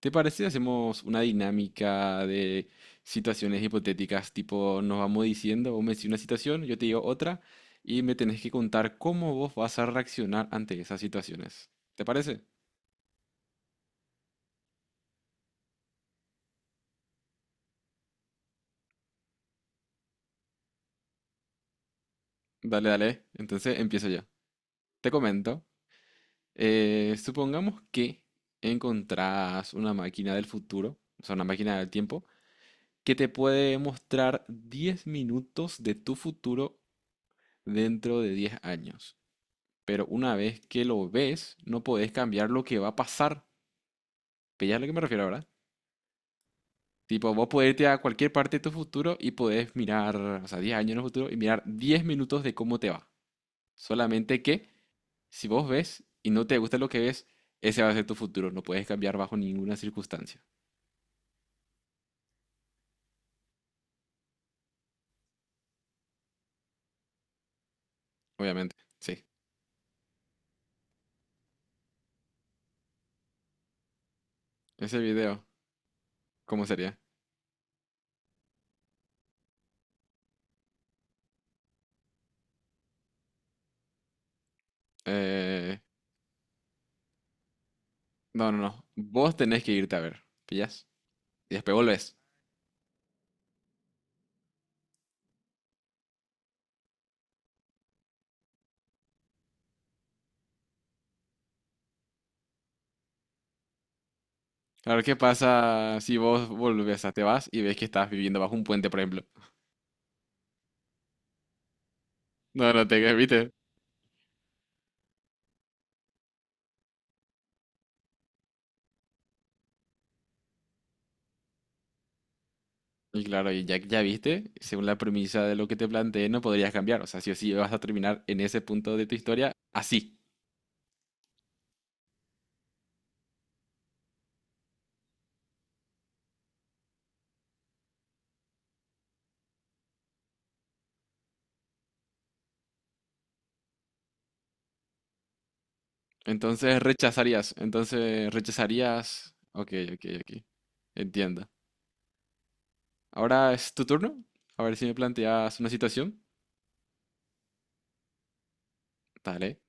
¿Te parece? Si Hacemos una dinámica de situaciones hipotéticas, tipo nos vamos diciendo, vos me decís una situación, yo te digo otra, y me tenés que contar cómo vos vas a reaccionar ante esas situaciones. ¿Te parece? Dale, dale. Entonces empiezo yo. Te comento. Supongamos que encontrás una máquina del futuro, o sea, una máquina del tiempo, que te puede mostrar 10 minutos de tu futuro dentro de 10 años. Pero una vez que lo ves, no podés cambiar lo que va a pasar. ¿Pillas a lo que me refiero, verdad? Tipo, vos podés irte a cualquier parte de tu futuro y podés mirar, o sea, 10 años en el futuro y mirar 10 minutos de cómo te va. Solamente que si vos ves y no te gusta lo que ves, ese va a ser tu futuro. No puedes cambiar bajo ninguna circunstancia. Obviamente, sí. Ese video, ¿cómo sería? Eh, no, no, no. Vos tenés que irte a ver. ¿Pillas? Y después volvés. A ver qué pasa si vos volvés, o sea, te vas y ves que estás viviendo bajo un puente, por ejemplo. No, no te ¿viste? Y claro, y ya, ya viste, según la premisa de lo que te planteé, no podrías cambiar. O sea, sí o sí vas a terminar en ese punto de tu historia así. Entonces rechazarías, entonces rechazarías. Ok, ok, ok. Entiendo. Ahora es tu turno. A ver si me planteas una situación. Dale,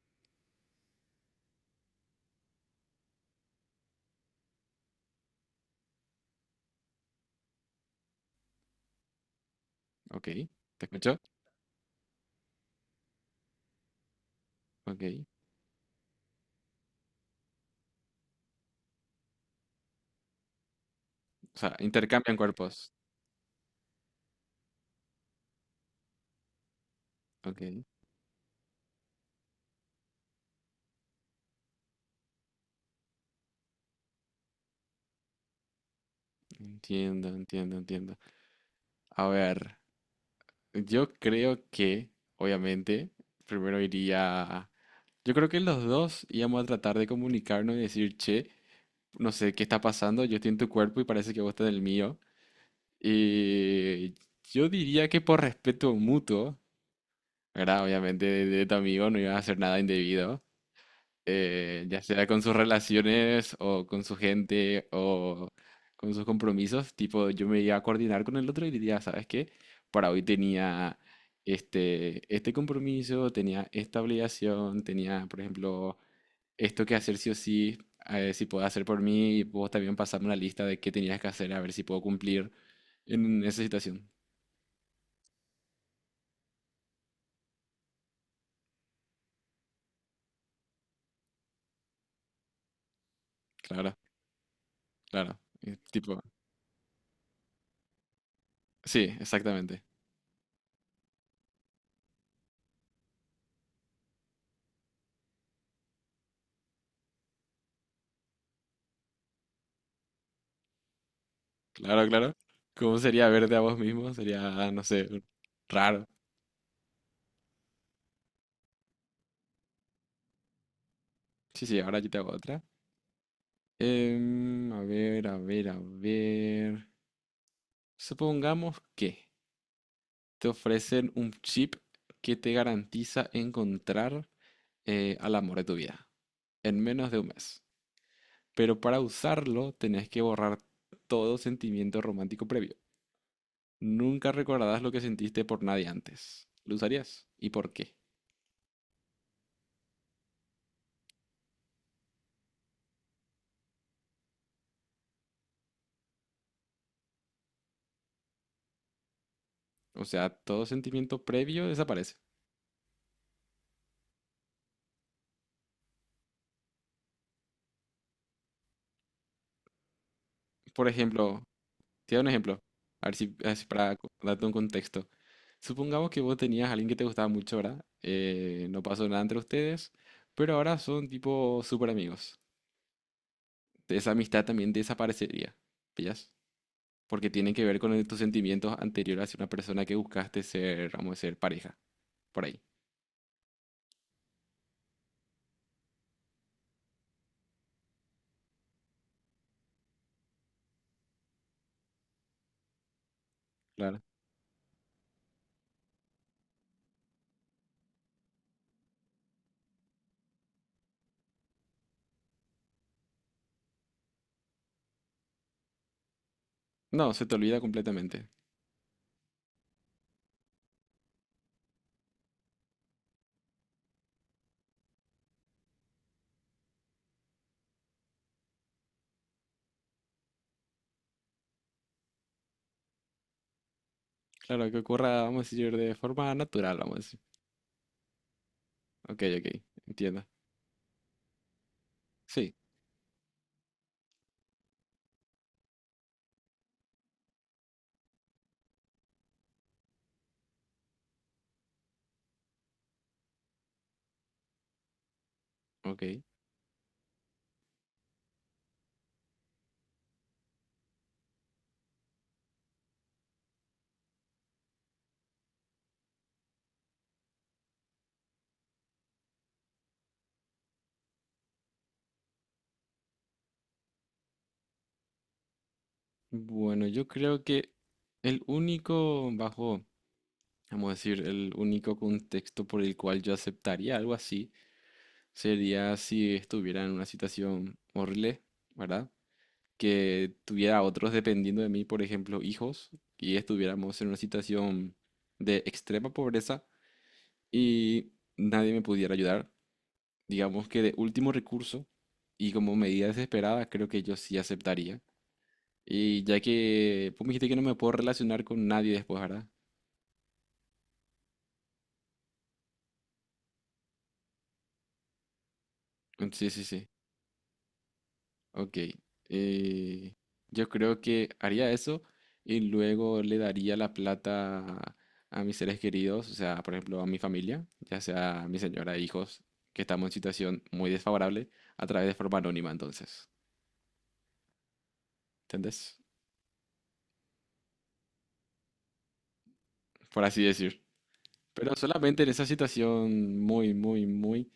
ok. ¿Te escucho? Ok. O sea, intercambian cuerpos. Ok. Entiendo, entiendo, entiendo. A ver. Yo creo que, obviamente, primero iría. Yo creo que los dos íbamos a tratar de comunicarnos y decir, che, no sé qué está pasando, yo estoy en tu cuerpo y parece que vos estás en el mío. Y yo diría que por respeto mutuo, ¿verdad? Obviamente de tu amigo no iba a hacer nada indebido ya sea con sus relaciones o con su gente o con sus compromisos, tipo, yo me iba a coordinar con el otro y diría, ¿sabes qué? Para hoy tenía este compromiso, tenía esta obligación, tenía, por ejemplo, esto que hacer sí o sí, si puedo hacer por mí, y vos también pasarme una lista de qué tenías que hacer, a ver si puedo cumplir en esa situación. Claro, claro. Tipo, sí, exactamente. Claro, claro. ¿Cómo sería verte a vos mismo? Sería, no sé, raro. Sí, sí, ahora yo te hago otra. A ver, a ver, a ver. Supongamos que te ofrecen un chip que te garantiza encontrar al amor de tu vida en menos de un mes. Pero para usarlo tenés que borrar todo sentimiento romántico previo. Nunca recordarás lo que sentiste por nadie antes. ¿Lo usarías? ¿Y por qué? O sea, todo sentimiento previo desaparece. Por ejemplo, te doy un ejemplo, a ver si para darte un contexto. Supongamos que vos tenías a alguien que te gustaba mucho, ¿verdad? No pasó nada entre ustedes, pero ahora son tipo súper amigos. Esa amistad también desaparecería, ¿pillas? Porque tiene que ver con tus sentimientos anteriores hacia una persona que buscaste ser, vamos a decir, pareja, por ahí. Claro. No, se te olvida completamente. Claro, que ocurra, vamos a decir, de forma natural, vamos a decir. Ok, ok, entiendo. Sí, ok. Bueno, yo creo que el único, bajo, vamos a decir, el único contexto por el cual yo aceptaría algo así sería si estuviera en una situación horrible, ¿verdad? Que tuviera otros dependiendo de mí, por ejemplo, hijos, y estuviéramos en una situación de extrema pobreza y nadie me pudiera ayudar, digamos que de último recurso y como medida desesperada, creo que yo sí aceptaría. Y ya que vos me dijiste que no me puedo relacionar con nadie después, ¿verdad? Sí, sí, sí. Ok. eh, yo creo que haría eso y luego le daría la plata a mis seres queridos, o sea, por ejemplo, a mi familia, ya sea a mi señora, hijos, que estamos en situación muy desfavorable, a través de forma anónima, entonces. ¿Entendés? Por así decir. Pero solamente en esa situación muy, muy, muy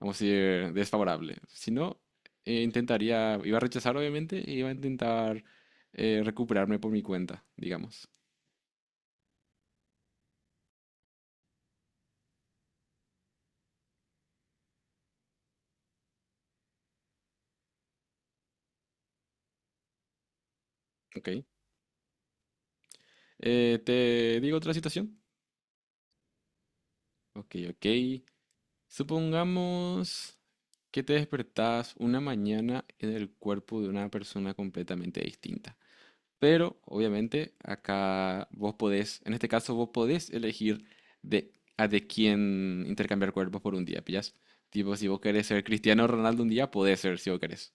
vamos a decir, desfavorable. Si no, intentaría, iba a rechazar obviamente, y iba a intentar recuperarme por mi cuenta, digamos. Ok. ¿Te digo otra situación? Ok, ok. Supongamos que te despertás una mañana en el cuerpo de una persona completamente distinta. Pero obviamente acá vos podés, en este caso vos podés elegir de, a de quién intercambiar cuerpos por un día, ¿pillas? Tipo, si vos querés ser Cristiano Ronaldo un día, podés ser si vos querés.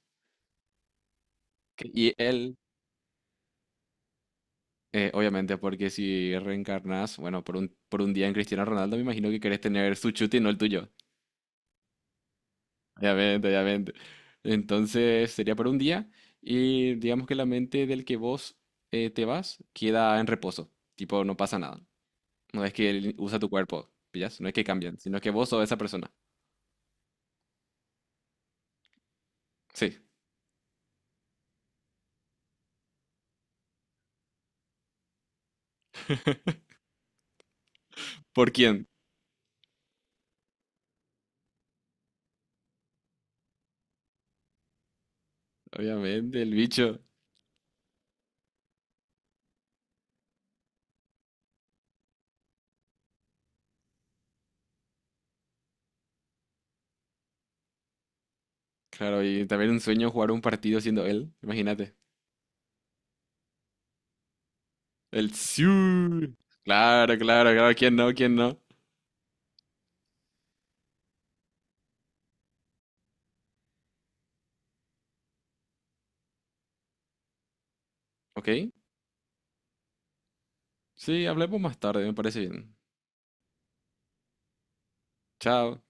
Ok. Y él, obviamente, porque si reencarnás, bueno, por un día en Cristiano Ronaldo, me imagino que querés tener su chute y no el tuyo. Obviamente, obviamente. Entonces sería por un día y digamos que la mente del que vos te vas queda en reposo. Tipo, no pasa nada. No es que él usa tu cuerpo, ¿pillas? No es que cambian, sino que vos sos esa persona. Sí. ¿Por quién? Obviamente, el bicho. Claro, y también un sueño jugar un partido siendo él, imagínate. El Siu. Claro, claro, claro, ¿quién no? ¿Quién no? Ok. Sí, hablemos más tarde, me parece bien. Chao.